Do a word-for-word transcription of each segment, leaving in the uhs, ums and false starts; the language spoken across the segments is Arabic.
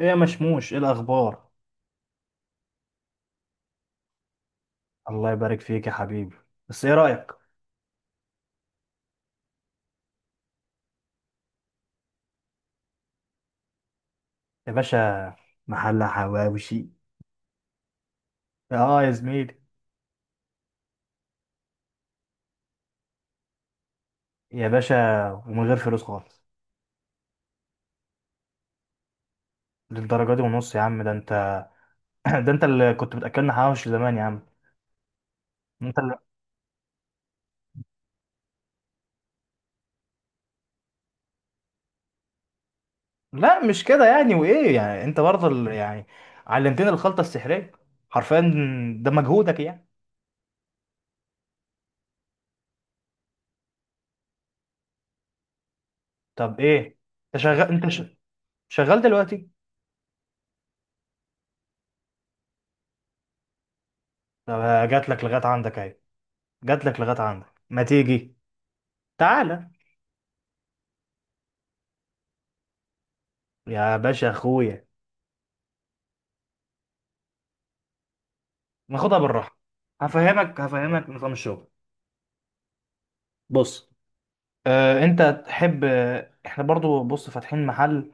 ايه يا مشموش؟ ايه الاخبار؟ الله يبارك فيك يا حبيبي. بس ايه رايك؟ يا باشا، محل حواوشي. اه يا زميلي. يا باشا، ومن غير فلوس خالص. للدرجه دي ونص يا عم، ده انت ده انت اللي كنت بتاكلنا حواوشي زمان يا عم. انت اللي... لا مش كده يعني، وايه يعني؟ انت برضه اللي يعني علمتني الخلطه السحريه، حرفيا ده مجهودك يعني. طب ايه؟ انت شغال؟ انت ش... شغال دلوقتي؟ طب جات لك لغايه عندك اهي، جات لك لغايه عندك، ما تيجي؟ تعالى. يا باشا اخويا، ناخدها بالراحه. هفهمك هفهمك نظام الشغل. بص، آه انت تحب؟ آه احنا برضو بص فاتحين محل،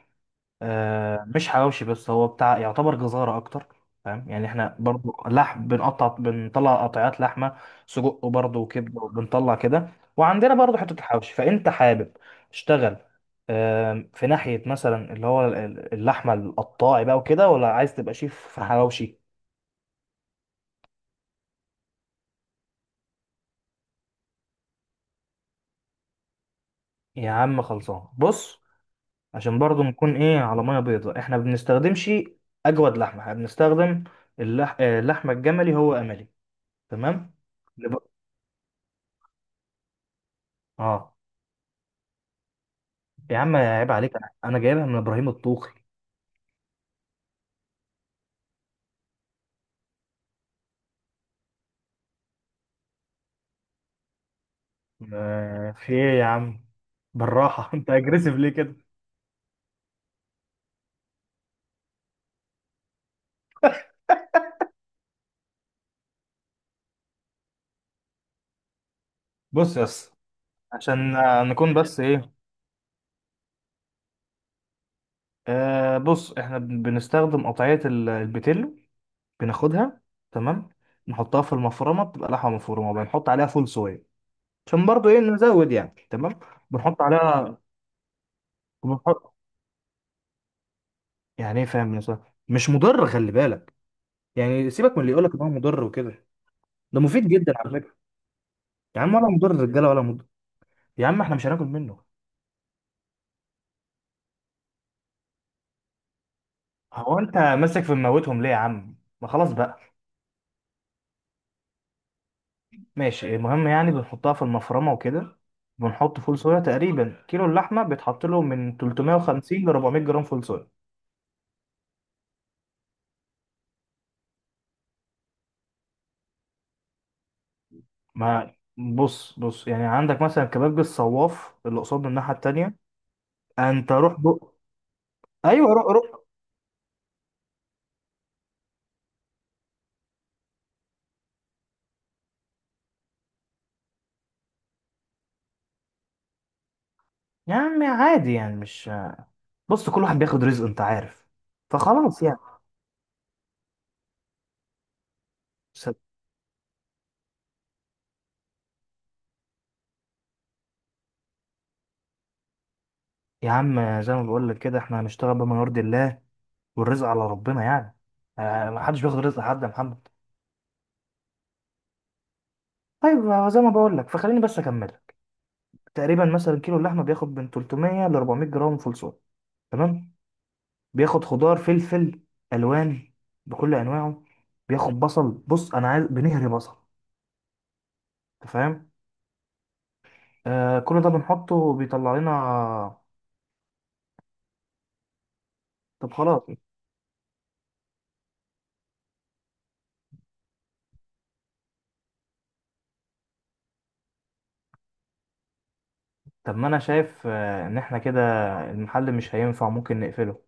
آه مش حواوشي بس، هو بتاع يعتبر جزارة اكتر. فاهم؟ يعني احنا برضو لحم بنقطع، بنطلع قطعات لحمه، سجق برضو، وكبده، وبنطلع كده. وعندنا برضو حته الحواوشي، فانت حابب تشتغل آه في ناحيه مثلا اللي هو ال- ال- اللحمه القطاعي بقى وكده، ولا عايز تبقى شيف في حواوشي؟ يا عم خلصان. بص، عشان برضو نكون ايه على ميه بيضاء، احنا ما بنستخدمش اجود لحمه، احنا بنستخدم اللح... آه، اللحمه الجملي هو املي. تمام. نب... اه يا عم عيب عليك، انا أنا جايبها من ابراهيم الطوخي. آه، في ايه يا عم؟ بالراحة انت اجريسيف ليه كده؟ بص يس، عشان آه، نكون بس ايه. آه بص، احنا بن- بنستخدم قطعية ال- البتلو، بناخدها. تمام. نحطها في المفرمة، بتبقى لحمة مفرومة، بنحط عليها فول صويا، عشان برضو ايه نزود يعني. تمام. بنحط عليها وبنحط، يعني ايه؟ فاهم يا صاحبي، مش مضر، خلي بالك. يعني سيبك من اللي يقول لك ان هو مضر وكده، ده مفيد جدا على فكره. يا عم ولا مضر الرجاله ولا مضر، يا عم احنا مش هناكل منه. هو انت ماسك في مموتهم ليه يا عم؟ ما خلاص بقى. ماشي، المهم يعني بنحطها في المفرمه وكده، بنحط فول صويا، تقريبا كيلو اللحمه بيتحط له من ثلاث مية وخمسين ل اربع مية جرام فول صويا. ما بص بص يعني، عندك مثلا كباب الصواف اللي قصاد الناحيه التانيه، انت روح بق. ايوه روح روح. يا عم عادي يعني، مش، بص كل واحد بياخد رزقه، انت عارف. فخلاص يعني. س- يا عم زي ما بقول لك كده، احنا هنشتغل بما يرضي الله، والرزق على ربنا يعني. آه، ما حدش بياخد رزق حد يا محمد. طيب آه، زي ما بقول لك، فخليني بس اكمل لك. تقريبا مثلا كيلو اللحمه بياخد من ثلاث مية ل اربع مية جرام فول صويا، تمام. بياخد خضار، فلفل الوان بكل انواعه، بياخد بصل، بص انا عايز بنهري بصل. انت فاهم؟ آه كل ده بنحطه، بيطلع لنا. طب خلاص، طب ما انا شايف آه، ان احنا كده المحل مش هينفع، ممكن نقفله.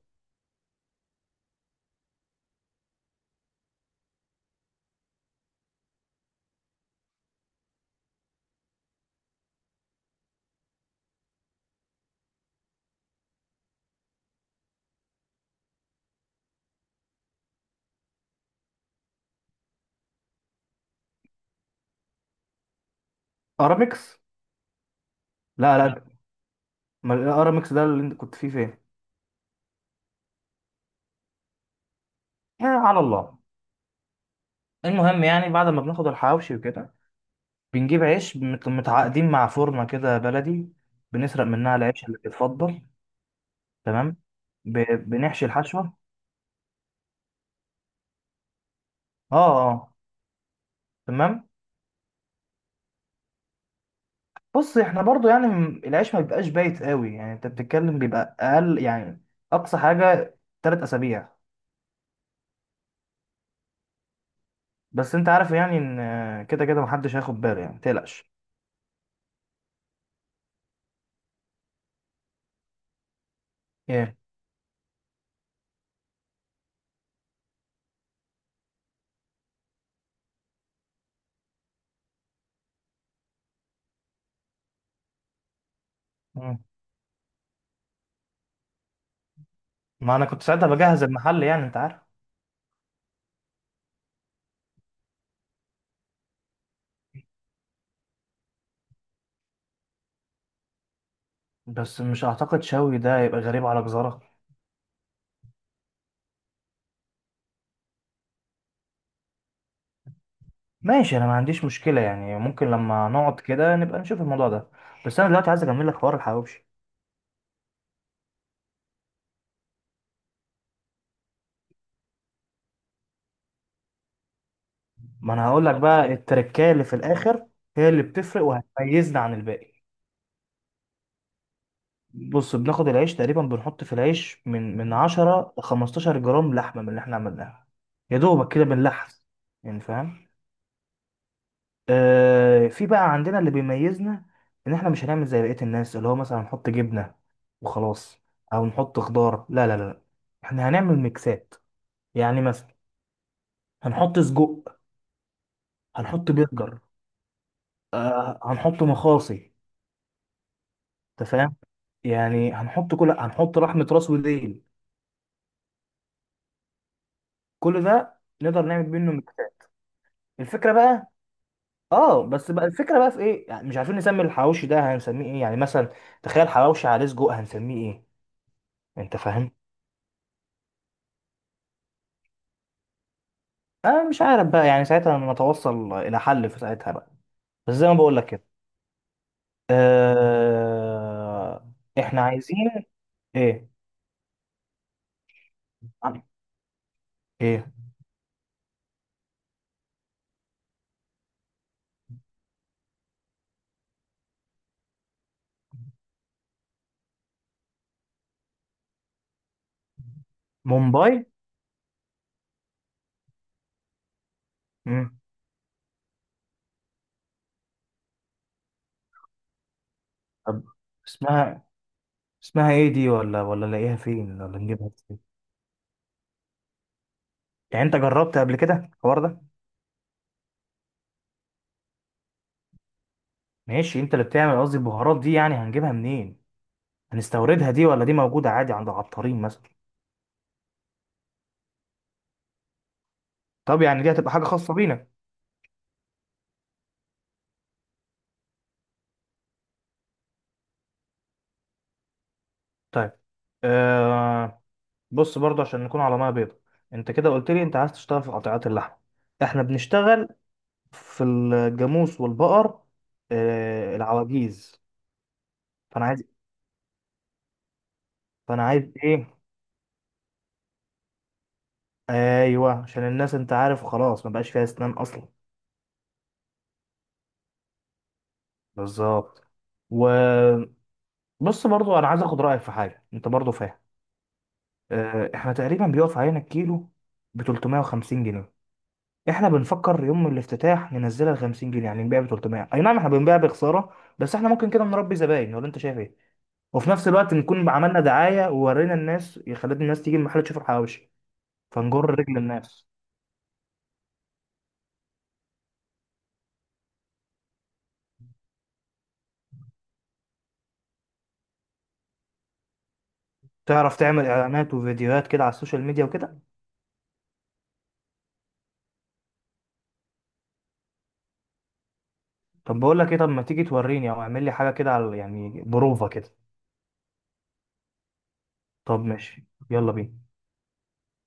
ارامكس. لا لا لا. ما الارامكس ده اللي انت كنت فيه فين؟ آه، على الله. المهم يعني بعد ما بناخد الحواوشي وكده، بنجيب عيش مت- متعاقدين مع فرنة كده بلدي، بنسرق منها العيش اللي بيتفضل. تمام. ب- بنحشي الحشوة. اه اه. تمام. بص احنا برضو يعني، م- العيش ما بيبقاش بايت قوي يعني، انت بتتكلم بيبقى اقل يعني، اقصى حاجة تلات اسابيع. بس انت عارف يعني ان كده كده محدش هياخد باله يعني، متقلقش. ايه. مم. ما انا كنت ساعتها بجهز المحل يعني، انت عارف. بس مش اعتقد شوي ده يبقى غريب على جزارة. ماشي، انا ما عنديش مشكلة يعني، ممكن لما نقعد كده نبقى نشوف الموضوع ده. بس انا دلوقتي عايز اكمل لك حوار الحواوشي. ما انا هقول لك بقى، التركايه اللي في الاخر هي اللي بتفرق وهتميزنا عن الباقي. بص، بناخد العيش تقريبا، بنحط في العيش من من عشرة ل خمستاشر جرام لحمة من اللي احنا عملناها. يا دوبك كده بنلحس، يعني فاهم. آه، في بقى عندنا اللي بيميزنا، ان احنا مش هنعمل زي بقية الناس اللي هو مثلا نحط جبنة وخلاص، او نحط خضار. لا لا لا لا، احنا هنعمل ميكسات. يعني مثلا هنحط سجق، هنحط برجر، آه هنحط مخاصي. انت فاهم؟ يعني هنحط كل، هنحط لحمة راس وديل، كل ده نقدر نعمل منه ميكسات. الفكرة بقى، اه بس بقى الفكرة بقى في ايه؟ يعني مش عارفين نسمي الحواوشي ده هنسميه ايه يعني، مثلا تخيل حواوشي عليه سجق هنسميه ايه؟ انت فاهم. أه مش عارف بقى، يعني ساعتها نتوصل إلى حل في ساعتها بقى. بس زي ما بقول لك كده. أه. إحنا عايزين إيه؟ عن- إيه؟ مومباي. مم. طب اسمها، اسمها إيه دي؟ ولا ولا نلاقيها فين؟ ولا نجيبها فين؟ يعني أنت جربت قبل كده الحوار ده؟ ماشي أنت اللي بتعمل. قصدي البهارات دي يعني هنجيبها منين؟ هنستوردها دي، ولا دي موجودة عادي عند عطارين مثلا؟ طب يعني دي هتبقى حاجة خاصة بينا. طيب أه. بص برضه عشان نكون على ميه بيضاء، انت كده قلت لي انت عايز تشتغل في قطيعات اللحم، احنا بنشتغل في الجاموس والبقر، آه العواجيز. فانا عايز، فانا عايز ايه، ايوه عشان الناس، انت عارف خلاص ما بقاش فيها اسنان اصلا. بالظبط. وبص، برضه انا عايز اخد رايك في حاجه، انت برضه فاهم. آه احنا تقريبا بيقف علينا الكيلو ب ثلاث مية وخمسين جنيه، احنا بنفكر يوم الافتتاح ننزلها ب خمسين جنيه، يعني نبيع ب ثلاث مية. اي نعم، احنا بنبيع بخساره، بس احنا ممكن كده نربي زباين، ولا انت شايف ايه؟ وفي نفس الوقت نكون عملنا دعايه، وورينا الناس، خلينا الناس تيجي المحل تشوف الحواوشي، فنجر رجل الناس. تعرف تعمل اعلانات وفيديوهات كده على السوشيال ميديا وكده؟ طب بقول لك ايه، طب ما تيجي توريني، او اعمل لي حاجه كده على يعني بروفه كده. طب ماشي، يلا بينا.